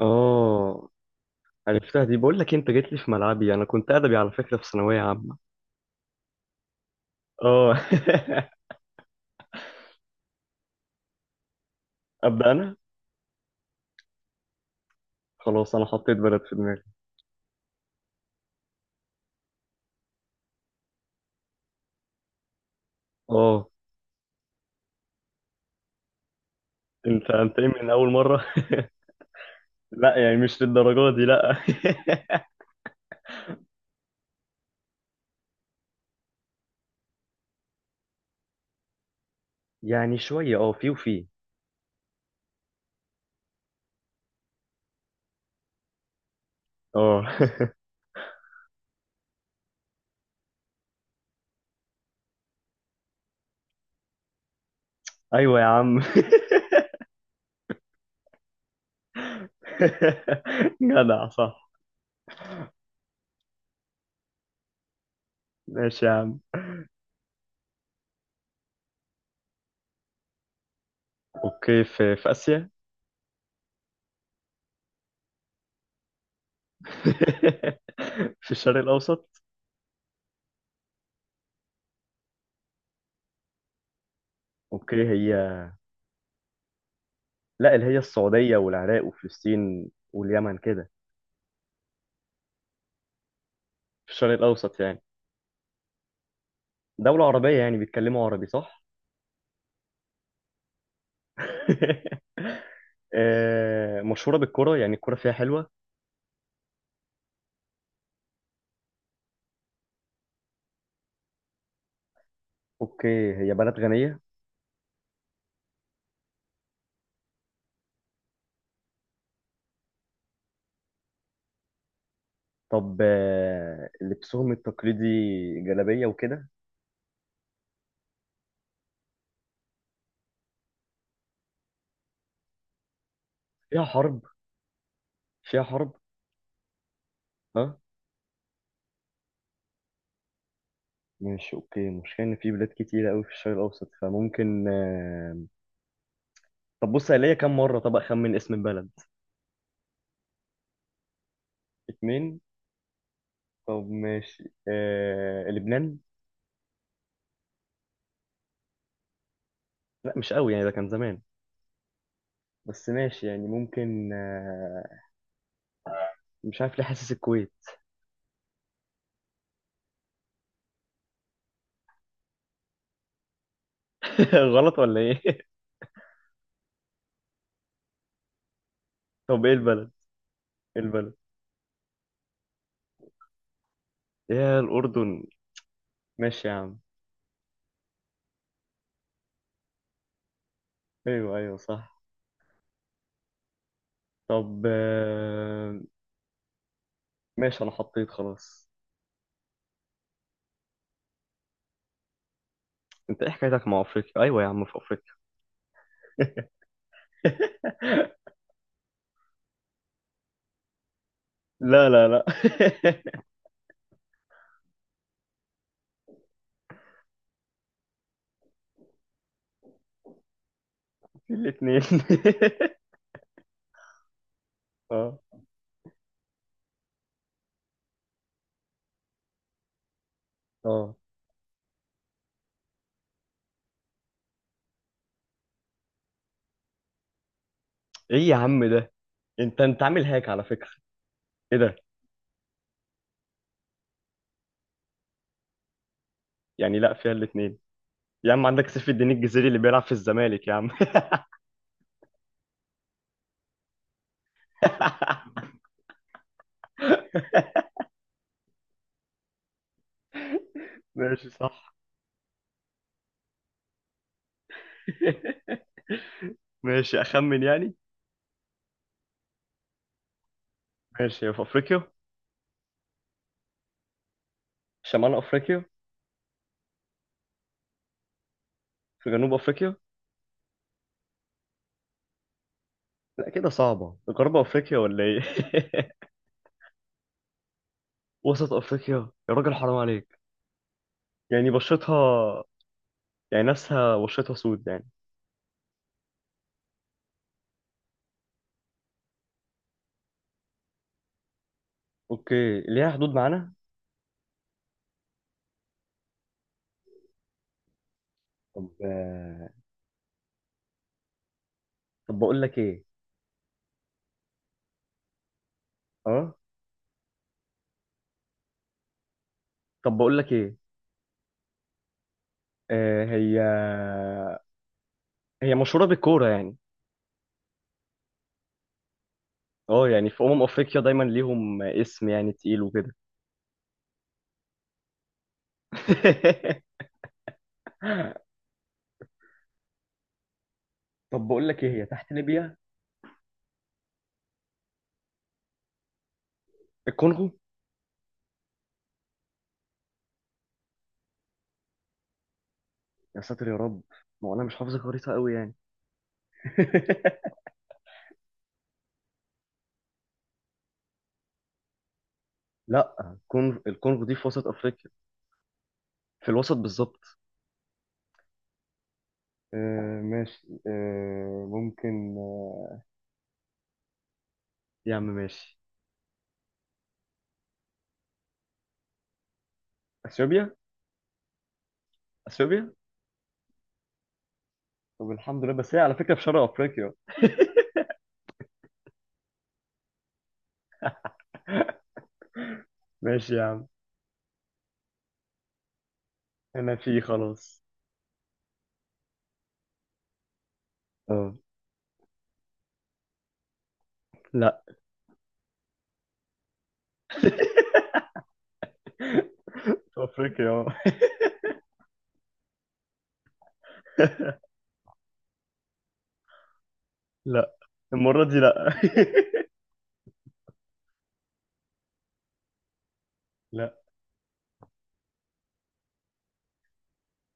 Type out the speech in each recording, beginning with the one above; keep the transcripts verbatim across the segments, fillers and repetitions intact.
اه. عرفتها دي، بقول لك إيه، انت جيت لي في ملعبي، انا كنت ادبي على فكره في ثانويه عامه. اه. ابدا انا. خلاص انا حطيت بلد في دماغي. اه. انت انت ايه من اول مره؟ لا يعني مش للدرجه دي لا. يعني شويه، اه في وفي. اه. ايوه يا عم. جدع صح. ماشي يا عم. اوكي، في في اسيا. في الشرق الاوسط. اوكي هي. لا، اللي هي السعوديه والعراق وفلسطين واليمن كده. في الشرق الأوسط يعني. دولة عربية يعني بيتكلموا عربي صح؟ آه، مشهورة بالكرة، يعني الكرة فيها حلوة. أوكي هي بلد غنية. طب آه، لبسهم التقليدي، جلابية وكده. فيها حرب. فيها حرب. ها. ماشي أوكي، المشكلة إن في بلاد كتيرة أوي في الشرق الأوسط، فممكن آه، طب بص، هي ليا كام مرة؟ طب أخمن اسم البلد. اتنين. طب ماشي، آه، لبنان. لا مش قوي يعني، ده كان زمان. بس ماشي يعني ممكن آه... مش عارف ليه حاسس الكويت. غلط ولا ايه؟ طب ايه البلد؟ إيه البلد؟ يا الاردن. ماشي يا عم. ايوه ايوه صح. طب آه، ماشي انا حطيت خلاص. انت ايه حكايتك مع افريقيا؟ ايوه يا عم في افريقيا. لا لا لا. في الاثنين. اه اه. ايه يا عم ده؟ انت انت عامل هاك على فكره. ايه ده؟ يعني لا، فيها الاثنين. يا عم عندك سيف الدين الجزيري اللي بيلعب في الزمالك يا عم. ماشي صح. ماشي اخمن يعني. ماشي، في افريقيا. شمال افريقيا. في جنوب افريقيا. لا كده صعبة، غرب افريقيا ولا ايه؟ وسط افريقيا؟ يا راجل حرام عليك. يعني بشرتها، يعني ناسها بشرتها سود يعني. اوكي، ليها حدود معانا. طب آه، طب بقول لك ايه. اه. طب بقول لك ايه. آه، هي. هي مشهورة بالكورة يعني. اه يعني في امم افريقيا دايما ليهم اسم يعني تقيل وكده. طب بقول لك ايه، هي تحت ليبيا؟ الكونغو. يا ساتر يا رب، ما هو انا مش حافظ الخريطه قوي يعني. لا، الكونغ الكونغو دي في وسط افريقيا، في الوسط بالظبط. آه ماشي، آه ممكن آه يا عم ماشي. اثيوبيا. اثيوبيا. طب الحمد لله، بس هي على فكره في شرق افريقيا. ماشي يا عم. انا في خلاص. اه. لا. في افريقيا آه. لا، المره دي لا. لا.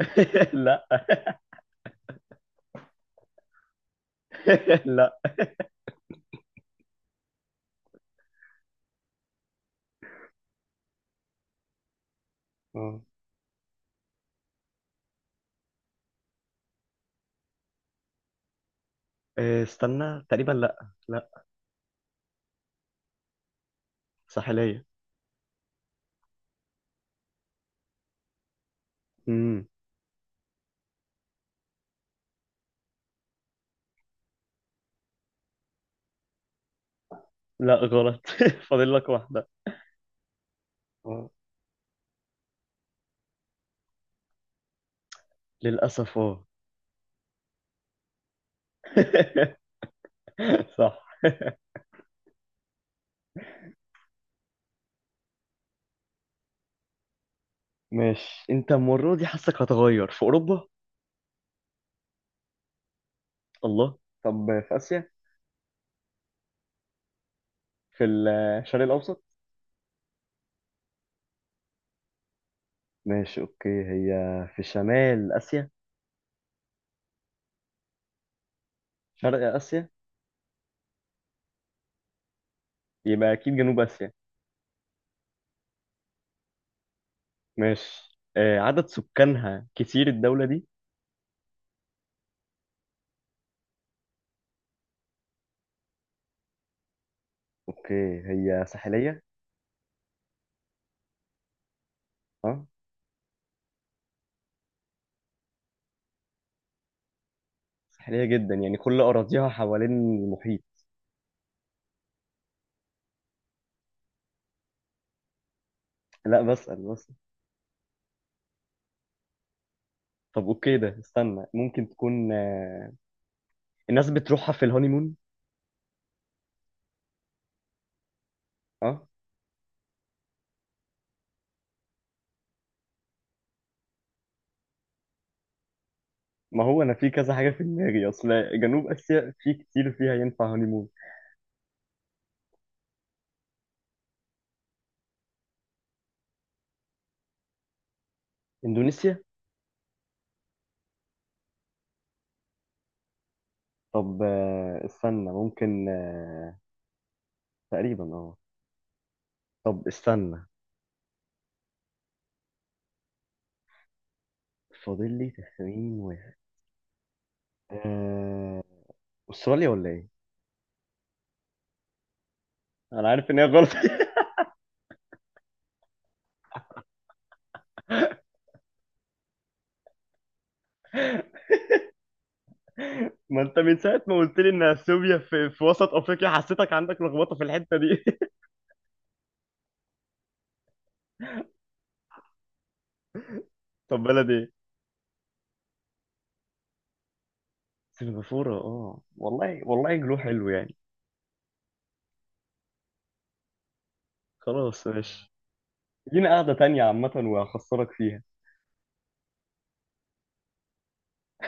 لا. لا. آه. آه، استنى تقريبا، لا لا. ساحليه. مم. لا غلط. فاضل لك واحدة. آه. للأسف اه. صح. ماشي، انت المرة دي حاسك هتغير في أوروبا. الله. طب في آسيا. في الشرق الأوسط. ماشي أوكي هي. في شمال آسيا. شرق آسيا. يبقى أكيد جنوب آسيا. ماشي، آه عدد سكانها كتير الدولة دي. أوكي هي ساحلية. اه ساحلية جدا يعني، كل أراضيها حوالين المحيط. لا بسأل بسأل. طب أوكي، ده استنى، ممكن تكون آه، الناس بتروحها في الهونيمون. اه. ما هو انا في كذا حاجه في دماغي اصل. جنوب اسيا في كتير فيها ينفع هونيمون. اندونيسيا. طب آه، استنى ممكن آه، تقريبا اه. طب استنى. فاضل لي تخمين واحد. آه، استراليا ولا ايه؟ انا عارف ان هي غلط. ما انت من ساعه ما قلت لي ان اثيوبيا في, في وسط افريقيا، حسيتك عندك لخبطه في الحته دي. طب بلد ايه؟ سنغافوره. اه والله والله، جلو حلو يعني. خلاص ماشي. لينا قعده تانية عامه وهخسرك فيها.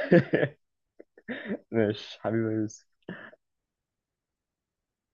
ماشي حبيبي يا يوسف.